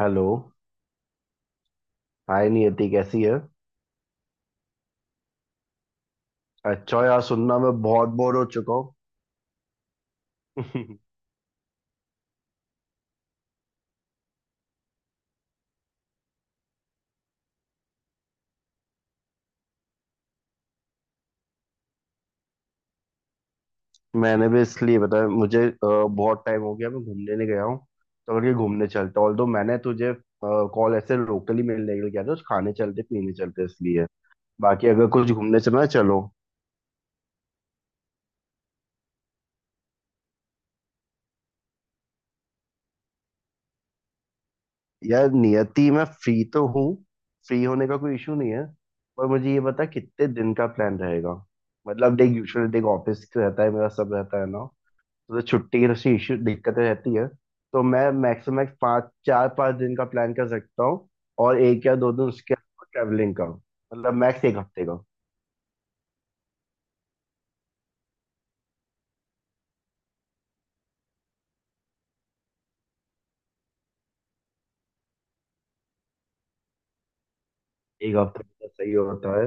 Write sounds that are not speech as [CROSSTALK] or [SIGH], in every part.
Hello. Hi Niyati, कैसी है? अच्छा यार, सुनना, मैं बहुत बोर हो चुका हूँ। [LAUGHS] मैंने भी इसलिए बताया, मुझे बहुत टाइम हो गया मैं घूमने नहीं गया हूँ। तो अगर ये घूमने चलते, ऑल्दो मैंने तुझे कॉल ऐसे लोकली मिलने के लिए किया था, कुछ खाने चलते पीने चलते, इसलिए। बाकी अगर कुछ घूमने चलना है चलो। यार नियति, मैं फ्री तो हूँ। फ्री होने का कोई इशू नहीं है। पर मुझे ये बता कितने दिन का प्लान रहेगा। मतलब देख, यूजुअली देख ऑफिस रहता है, मेरा सब रहता है ना। तो छुट्टी की सी इश्यू दिक्कतें रहती है। तो मैं मैक्सिमम पाँच चार पाँच दिन का प्लान कर सकता हूँ। और एक या दो दिन उसके अलावा ट्रैवलिंग का, मतलब मैक्स एक हफ्ते का। एक हफ्ते का सही होता है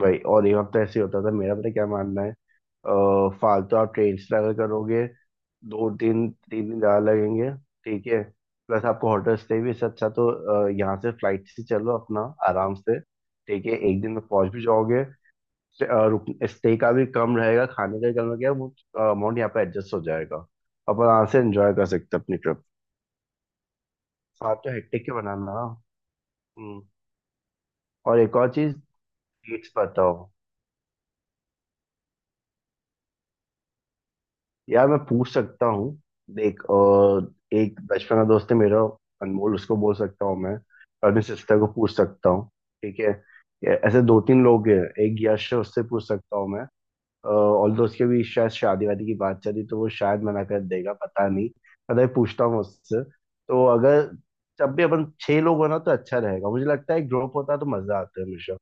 भाई। और एक हफ्ता ऐसे ही होता था मेरा। पता है क्या मानना है? फालतू आप ट्रेन से ट्रैवल करोगे, 2 दिन 3 दिन ज़्यादा लगेंगे। ठीक है। प्लस आपको होटल स्टे भी। इससे अच्छा तो यहाँ से फ्लाइट से चलो अपना, आराम से, ठीक है, एक दिन में पहुंच भी जाओगे। स्टे का भी कम रहेगा, खाने का भी कम रहेगा, वो अमाउंट यहाँ पे एडजस्ट हो जाएगा। अपन यहाँ से एंजॉय कर सकते हैं अपनी ट्रिप। साथ तो हेक्टिक के बनाना। हम्म। और एक और चीज, डेट्स बताओ। यार मैं पूछ सकता हूँ। देख एक बचपन का दोस्त है मेरा, अनमोल, उसको बोल सकता हूँ मैं। और अपनी सिस्टर को पूछ सकता हूँ। ठीक है, ऐसे दो तीन लोग हैं। एक यश है, उससे पूछ सकता हूँ मैं। और दोस्त के भी शायद शादी वादी की बात चली तो वो शायद मना कर देगा, पता नहीं। पता नहीं, पूछता हूँ उससे। तो अगर जब भी अपन छह लोग हो ना तो अच्छा रहेगा, मुझे लगता है ग्रुप होता तो मजा आता है हमेशा।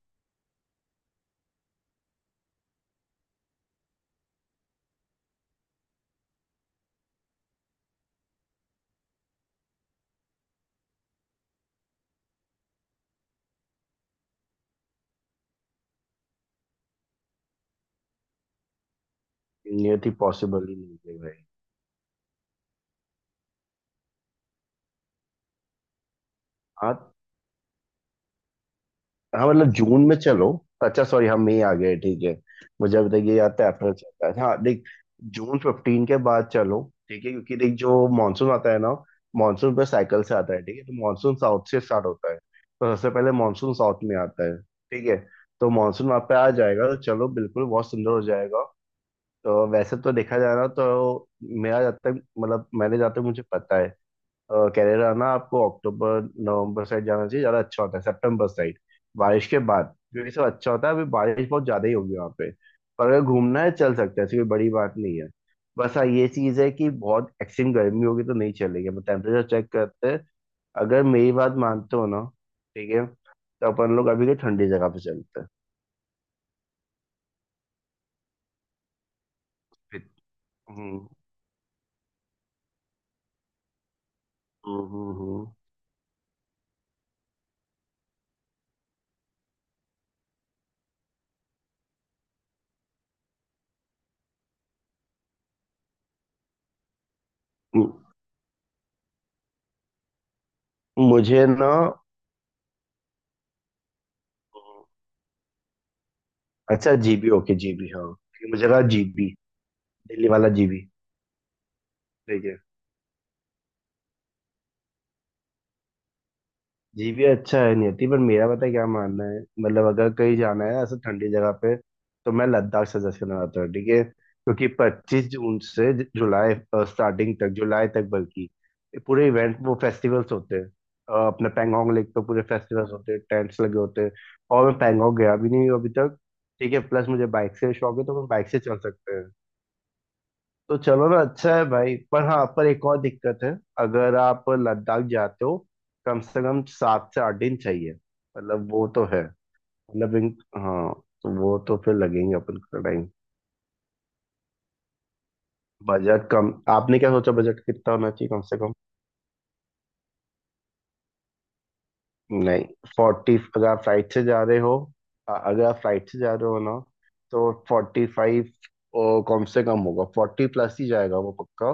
ये थी पॉसिबल ही नहीं है भाई। हाँ हाँ, मतलब जून में चलो। अच्छा सॉरी, हम मई आ गए, ठीक है। मुझे अब तक ये याद था अप्रैल चलता है। हाँ देख, जून 15 के बाद चलो। ठीक है, क्योंकि देख जो मानसून आता है ना, मानसून पर साइकिल से आता है। ठीक है, तो मानसून साउथ से स्टार्ट होता है, तो सबसे पहले मानसून साउथ में आता है। ठीक है, तो मानसून वहाँ पे आ जाएगा तो चलो बिल्कुल बहुत सुंदर हो जाएगा। तो वैसे तो देखा जाए ना तो, मेरा जब तक मतलब मैंने जहाँ तक मुझे पता है, केरला ना आपको अक्टूबर नवंबर साइड जाना चाहिए, ज़्यादा अच्छा होता है सितंबर साइड, बारिश के बाद, क्योंकि सब अच्छा होता है। अभी बारिश बहुत ज़्यादा ही होगी वहाँ पे। पर अगर घूमना है चल सकते हैं, ऐसी कोई बड़ी बात नहीं है। बस हाँ ये चीज़ है कि बहुत एक्सट्रीम गर्मी होगी तो नहीं चलेगी, मतलब टेम्परेचर चेक करते हैं। अगर मेरी बात मानते हो ना, ठीक है, तो अपन लोग अभी के ठंडी जगह पे चलते हैं। फिर- हम्म हम्म हम्म, हम्म। मुझे ना, अच्छा जीबी, ओके जीबी हाँ। मुझे लगा जीबी दिल्ली वाला जीबी। देखिए, जीपी अच्छा है नहीं होती, पर मेरा पता है क्या मानना है? मतलब अगर कहीं जाना है ऐसे ठंडी जगह पे, तो मैं लद्दाख सजेस्ट करना चाहता हूँ। ठीक है, क्योंकि 25 जून से जुलाई स्टार्टिंग तक, जुलाई तक बल्कि, ये पूरे इवेंट वो फेस्टिवल्स होते हैं। अपने पैंगोंग लेक पे पूरे फेस्टिवल्स होते हैं, टेंट्स लगे होते हैं। और मैं पैंगोंग गया भी नहीं हूँ अभी तक। ठीक है, प्लस मुझे बाइक से शौक है तो मैं बाइक से चल सकते हैं। तो चलो ना, अच्छा है भाई। पर हाँ, पर एक और दिक्कत है। अगर आप लद्दाख जाते हो, कम से कम 7 से 8 दिन चाहिए। मतलब वो तो है। मतलब इन- हाँ, तो वो तो फिर लगेंगे अपन का टाइम। बजट कम, आपने क्या सोचा बजट कितना होना चाहिए कम से कम? नहीं, 40, अगर आप फ्लाइट से जा रहे हो, अगर आप फ्लाइट से जा रहे हो ना तो 45 कम से कम होगा, 40 प्लस ही जाएगा वो पक्का।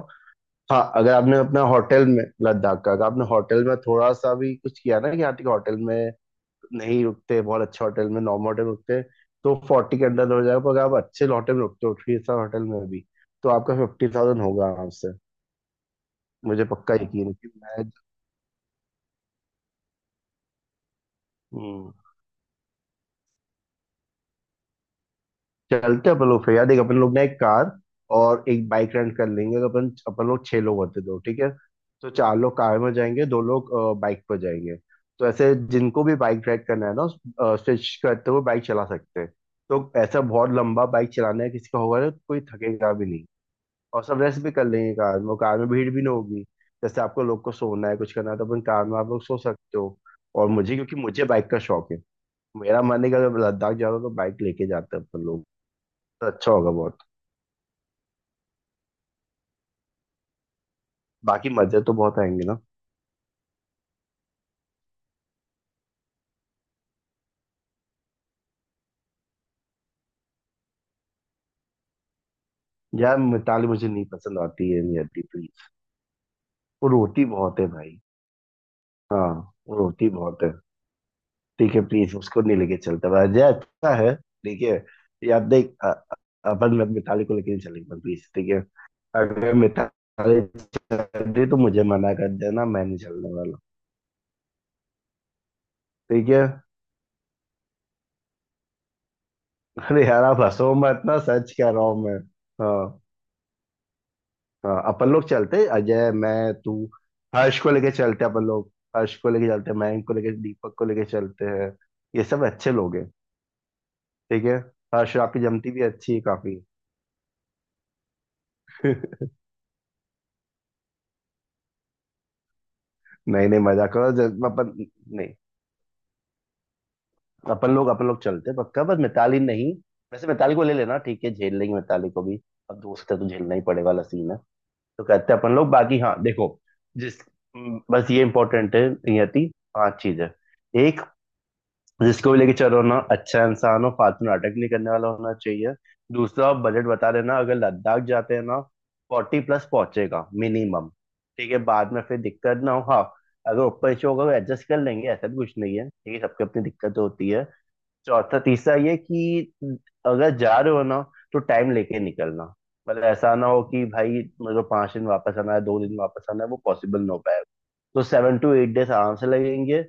हाँ, अगर आपने अपना होटल में लद्दाख का, अगर आपने होटल में थोड़ा सा भी कुछ किया ना कि यहाँ ठीक होटल में नहीं रुकते, बहुत अच्छे होटल में, नॉर्मल होटल में रुकते, तो 40 के अंदर हो जाएगा। पर अगर आप अच्छे होटल में रुकते हो, थ्री स्टार होटल में भी, तो आपका 50,000 होगा आराम से। मुझे पक्का यकीन है कि मैं। हम्म, चलते अपन लोग फिर यार। देख अपन लोग ना एक कार और एक बाइक रेंट कर लेंगे, तो अपन अपन लोग 6 लोग होते दो, ठीक है, तो 4 लोग कार में जाएंगे, 2 लोग बाइक पर जाएंगे। तो ऐसे जिनको भी बाइक राइड करना है ना, स्विच करते हुए बाइक चला सकते हैं। तो ऐसा बहुत लंबा बाइक चलाना है किसी का होगा ना तो कोई थकेगा भी नहीं, और सब रेस्ट भी कर लेंगे कार में, और कार में भीड़ भी ना होगी। जैसे आपको लोग को सोना है कुछ करना है तो अपन कार में आप लोग सो सकते हो। और मुझे क्योंकि मुझे बाइक का शौक है, मेरा मन है कि अगर लद्दाख जा रहा हूँ तो बाइक लेके जाते हैं अपन लोग, तो अच्छा होगा बहुत। बाकी मजे तो बहुत आएंगे ना। यार मिताली मुझे नहीं पसंद आती है, नहीं आती, प्लीज। वो रोती बहुत है भाई। हाँ, वो रोती बहुत है। ठीक है, प्लीज उसको नहीं लेके चलता भाई। अजय अच्छा है ठीक है। यार देख अपन मत मिताली को लेके नहीं चलेंगे, प्लीज, ठीक है। अगर मिताली चल रही तो मुझे मना कर देना, मैं नहीं चलने वाला, ठीक है। अरे यार आप हंसो मत ना, सच कह रहा हूँ मैं। हाँ। हाँ, अपन लोग चलते, अजय मैं तू, हर्ष को लेके चलते अपन लोग। हर्ष को लेके चलते हैं, मयंक को लेके, दीपक को लेके चलते हैं। ये सब अच्छे लोग हैं। ठीक है, हर्ष आपकी जमती भी अच्छी है काफी। [LAUGHS] नहीं नहीं, मजा करो जब अपन। नहीं, अपन लोग चलते हैं पक्का, बस मिताली नहीं। वैसे मिताली को ले लेना ठीक है, झेल लेंगे मिताली को भी, अब दोस्त है तो झेलना ही पड़ेगा वाला सीन है। तो कहते हैं अपन लोग बाकी। हाँ देखो, जिस, बस ये इंपॉर्टेंट है नियति। पांच चीजें। एक, जिसको भी लेके चलो ना अच्छा इंसान हो, फालतू नाटक नहीं करने वाला होना चाहिए। दूसरा, आप बजट बता देना, अगर लद्दाख जाते हैं ना, 40 प्लस पहुंचेगा मिनिमम, ठीक है, बाद में फिर दिक्कत ना हो। हाँ, अगर ऊपर नीचे होगा तो एडजस्ट कर लेंगे, ऐसा भी कुछ नहीं है, ठीक है, सबकी अपनी दिक्कत होती है। चौथा, तीसरा ये कि अगर जा रहे हो ना तो टाइम लेके निकलना, मतलब ऐसा ना हो कि भाई, मतलब 5 दिन वापस आना है, 2 दिन वापस आना है, वो पॉसिबल ना हो पाएगा। तो 7 to 8 days आराम से लगेंगे।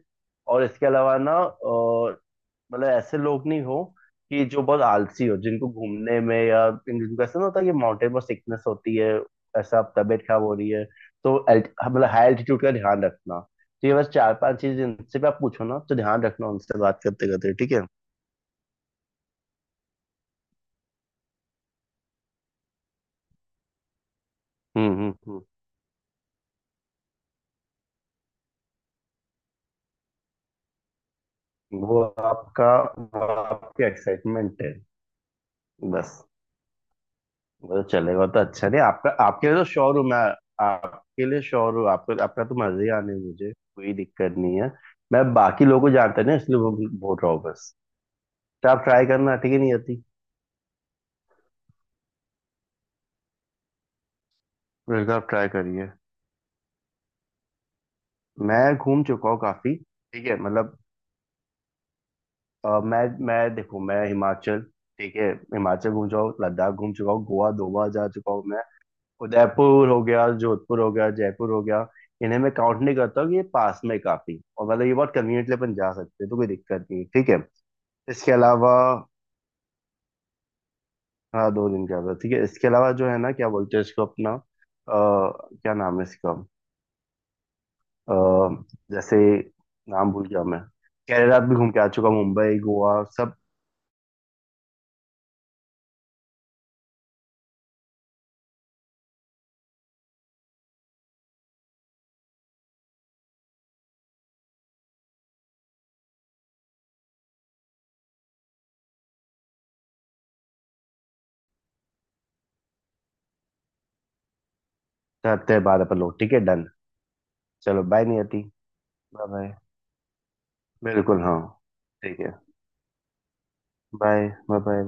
और इसके अलावा ना मतलब ऐसे लोग नहीं हो कि जो बहुत आलसी हो, जिनको घूमने में या जिनको ऐसा ना होता है कि माउंटेन पर सिकनेस होती है, ऐसा अब तबीयत खराब हो रही है। तो मतलब हाई एल्टीट्यूड का ध्यान रखना। तो ये बस चार पांच चीज, इनसे भी आप पूछो ना तो ध्यान रखना, उनसे बात करते करते, ठीक है। हम्म हम्म हम्म। वो आपका, वो आपकी एक्साइटमेंट है बस। वो तो चलेगा तो अच्छा, नहीं आपका, आपके लिए तो श्योर हूँ मैं। आपके लिए श्योर हूँ, आपको आपका तो मजे ही आने हैं, मुझे कोई दिक्कत नहीं है। मैं बाकी लोगों को जानता है ना, इसलिए वो बोल रहा हूँ बस। तो आप ट्राई करना ठीक है, नहीं आती। बिल्कुल आप ट्राई करिए। मैं घूम चुका हूँ काफी, ठीक है मतलब मैं देखो, मैं हिमाचल, ठीक है, हिमाचल घूम चुका हूँ, लद्दाख घूम चुका हूँ, गोवा 2 बार जा चुका हूँ मैं, उदयपुर हो गया, जोधपुर हो गया, जयपुर हो गया। इन्हें मैं काउंट नहीं करता हूँ कि ये पास में काफी और मतलब ये बहुत कन्वीनियंटली अपन जा सकते हैं, तो कोई दिक्कत नहीं है, ठीक है। इसके अलावा, हाँ 2 दिन का था ठीक है। इसके अलावा जो है ना क्या बोलते हैं इसको अपना क्या नाम है इसका? अ, जैसे नाम भूल गया मैं। केरला भी घूम के आ चुका हूँ, मुंबई गोवा सब। करते हैं बाद अपन लोग, ठीक है डन। चलो बाय नियति। Bye bye. बिल्कुल हाँ, ठीक है, बाय बाय बाय।